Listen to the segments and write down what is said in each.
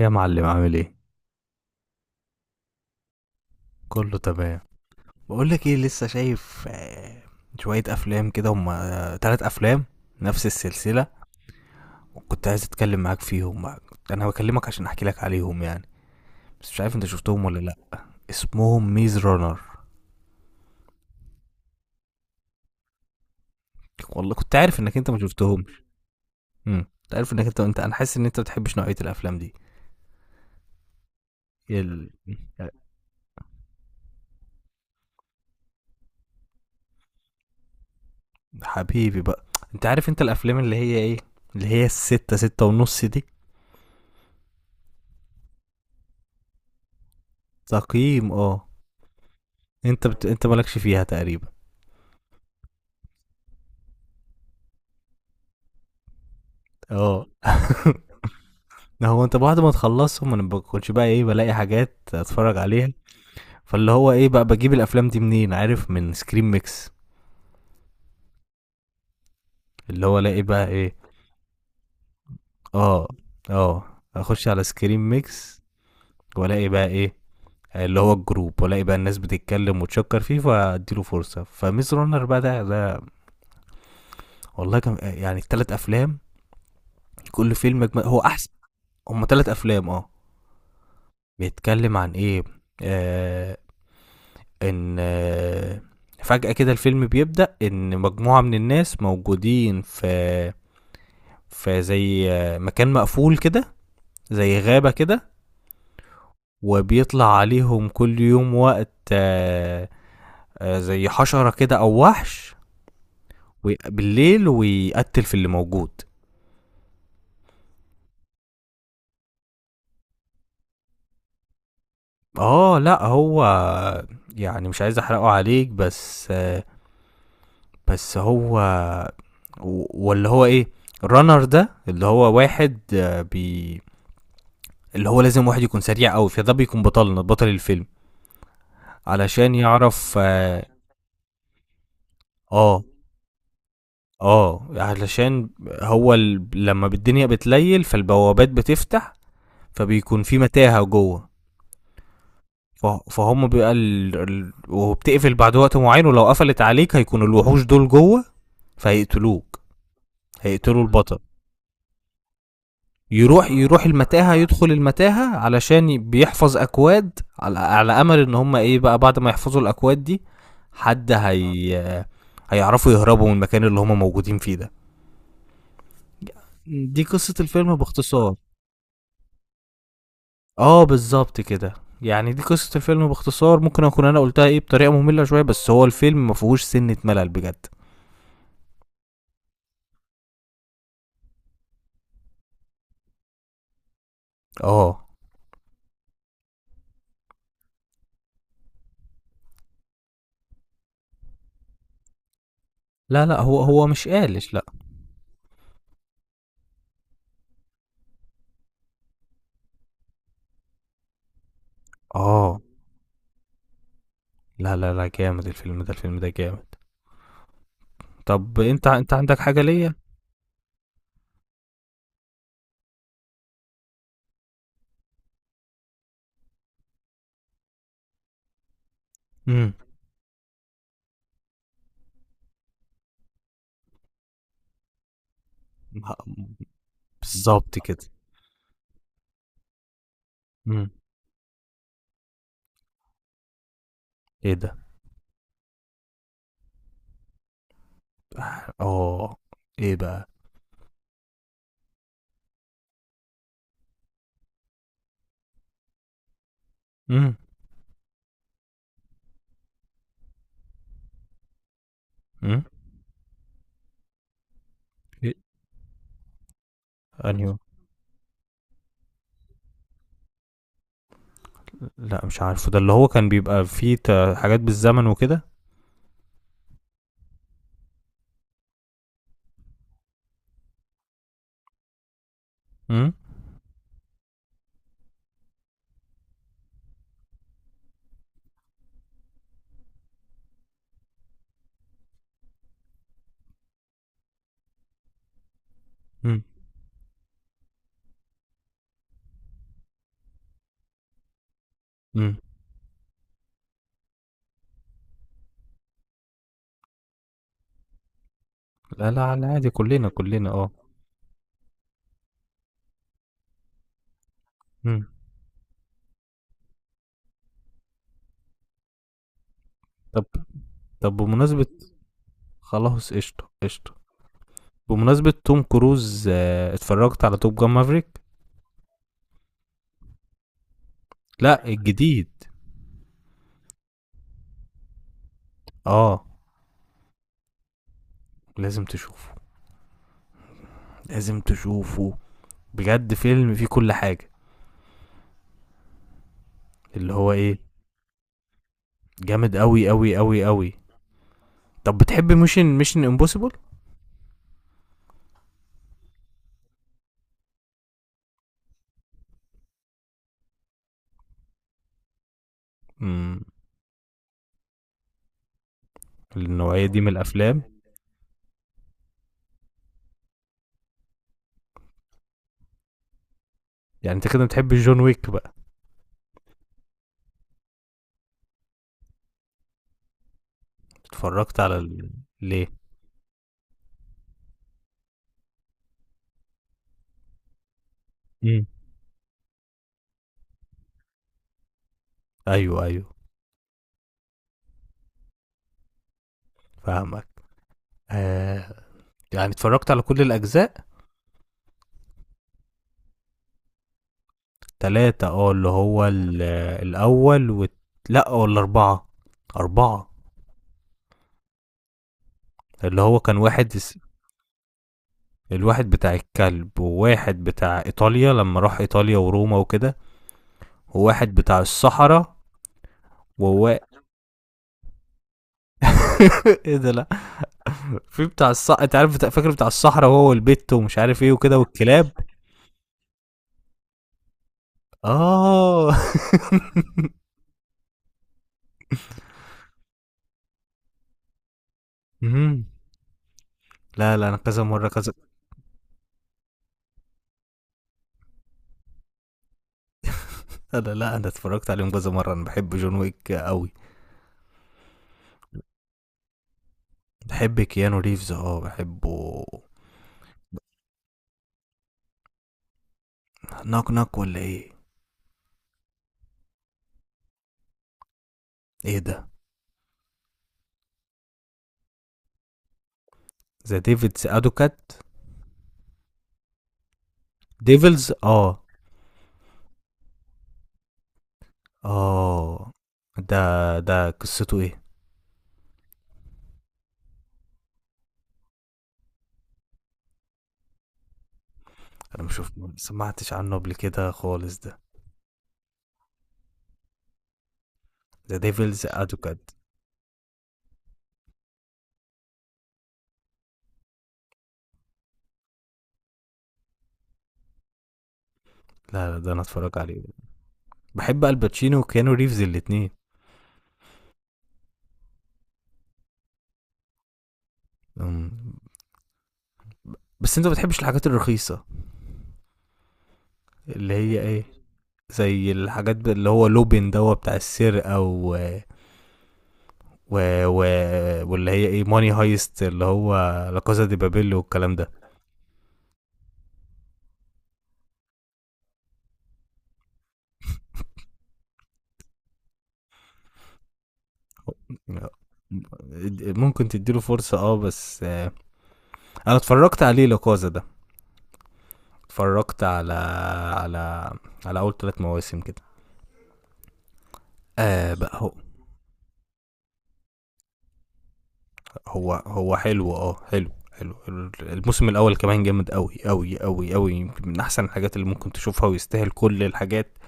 يا معلم، عامل ايه؟ كله تمام. بقولك ايه، لسه شايف شوية افلام كده، هما تلات افلام، نفس السلسلة، وكنت عايز اتكلم معاك فيهم بقى. انا بكلمك عشان احكي لك عليهم يعني، بس مش عارف انت شفتهم ولا لا. اسمهم ميز رانر. والله كنت عارف انك انت ما شفتهمش. كنت عارف انك انت انت انا حاسس ان انت ما بتحبش نوعية الافلام دي. ال... حبيبي بقى، انت عارف، انت الافلام اللي هي ايه، اللي هي الستة، ستة ونص دي. تقييم اه. انت مالكش فيها تقريبا. اه هو انت بعد ما تخلصهم انا بكونش بقى ايه بلاقي حاجات اتفرج عليها، فاللي هو ايه بقى بجيب الافلام دي منين؟ عارف، من سكرين ميكس. اللي هو الاقي بقى ايه. اه اه، اخش على سكرين ميكس والاقي بقى ايه، اللي هو الجروب، والاقي بقى الناس بتتكلم وتشكر فيه، فاديله فرصة. فميز رونر بقى، ده والله كان يعني التلات افلام، كل فيلم هو احسن. هما تلات افلام اه. بيتكلم عن ايه؟ آه، ان فجأة كده الفيلم بيبدأ، ان مجموعة من الناس موجودين في زي مكان مقفول كده، زي غابة كده، وبيطلع عليهم كل يوم وقت زي حشرة كده او وحش، بالليل، ويقتل في اللي موجود. اه لا، هو يعني مش عايز احرقه عليك بس بس هو ولا هو ايه، رانر ده اللي هو واحد، آه، بي اللي هو لازم واحد يكون سريع قوي، فده بيكون بطلنا، بطل الفيلم، علشان يعرف اه. اه, علشان هو لما الدنيا بتليل فالبوابات بتفتح، فبيكون في متاهة جوه. فهم بيبقى وبتقفل بعد وقت معين، ولو قفلت عليك هيكون الوحوش دول جوه، فهيقتلوك. هيقتلوا البطل. يروح المتاهة، يدخل المتاهة علشان بيحفظ أكواد، على أمل إن هم إيه بقى بعد ما يحفظوا الأكواد دي، حد هي هيعرفوا يهربوا من المكان اللي هما موجودين فيه ده. دي قصة الفيلم باختصار. اه بالظبط كده. يعني دي قصة الفيلم باختصار، ممكن اكون انا قلتها ايه بطريقة مملة شوية، بس هو الفيلم ما فيهوش سنة ملل بجد. اه لا لا، هو مش قالش لا. اه لا لا لا، جامد الفيلم ده، الفيلم ده جامد. طب انت عندك حاجة ليا؟ امم بالظبط كده. امم ايه ده؟ اه ايه بقى؟ امم امم إيه؟ انهي؟ لأ مش عارفه، ده اللي هو كان بيبقى فيه حاجات بالزمن وكده؟ إمم، إمم، إمم، لا، لا، على عادي، كلّنا، كلّنا إمم، طب طب بمناسبة، خلاص قشطة، قشطة، بمناسبة توم كروز اتفرّجت على Top Gun Maverick؟ لأ الجديد، آه، لازم تشوفه، لازم تشوفه، بجد فيلم فيه كل حاجة، اللي هو إيه، جامد أوي، أوي، أوي، أوي. طب بتحب Mission Impossible؟ إمم، النوعية دي من الأفلام؟ يعني أنت كده ما بتحبش John Wick بقى. اتفرجت على ليه؟ امم ايوه ايوه، فاهمك. آه يعني اتفرجت على كل الاجزاء. تلاتة اه، اللي هو الاول لا ولا اربعة. اربعة. اللي هو كان واحد، الواحد بتاع الكلب، وواحد بتاع ايطاليا لما راح ايطاليا وروما وكده، وواحد بتاع الصحراء. ووا ايه ده لا. في بتاع الصحراء انت عارف فاكر بتاع الصحراء، وهو والبت، ومش عارف ايه وكده، والكلاب. اه مم. لا لا، انا كذا مره كذا. انا لا انا اتفرجت عليهم كذا مره، انا بحب جون ويك قوي. بحب كيانو ريفز، اه بحبه. ناك ناك ولا ايه؟ ايه ده؟ ذا ديفيدز ادوكات. ديفلز اه. اه ده ده قصته ايه؟ انا مش شفت- ما سمعتش عنه قبل كده خالص ده. ذا ديفلز ادوكات. لا لا، ده انا اتفرج عليه. بحب الباتشينو وكيانو ريفز الاتنين. أمم. بس انت ما بتحبش الحاجات الرخيصه، اللي هي ايه، زي الحاجات اللي هو لوبين دوا بتاع السرقة و... و... واللي هي ايه ماني هايست، اللي هو لا كازا دي بابيل والكلام ده. ممكن تديله فرصة اه، بس انا اتفرجت عليه لا كازا ده. اتفرجت على على اول ثلاث مواسم كده. آه بقى، هو هو حلو، اه حلو حلو. الموسم الاول كمان جامد، قوي قوي قوي قوي، يمكن من احسن الحاجات اللي ممكن تشوفها، ويستاهل كل الحاجات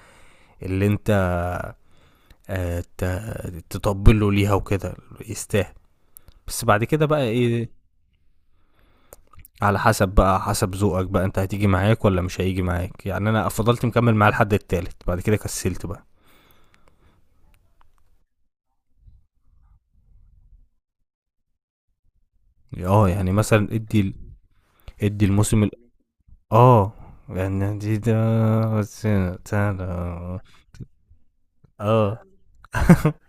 اللي انت تطبله ليها وكده. يستاهل. بس بعد كده بقى ايه، على حسب بقى، حسب ذوقك بقى، انت هتيجي معاك ولا مش هيجي معاك. يعني انا فضلت مكمل معاه لحد التالت، بعد كده كسلت بقى. اه يعني مثلا ادي ادي الموسم اه، يعني ده سنة- سنة- اه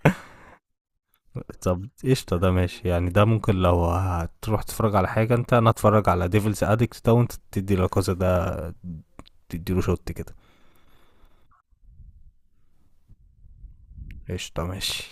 طب قشطة، ده ماشي يعني، ده ممكن لو هتروح تتفرج على حاجة انت، انا اتفرج على ديفلز اديكت ده، وانت تدي لاكازا ده، تديله شوت كده. قشطة ماشي.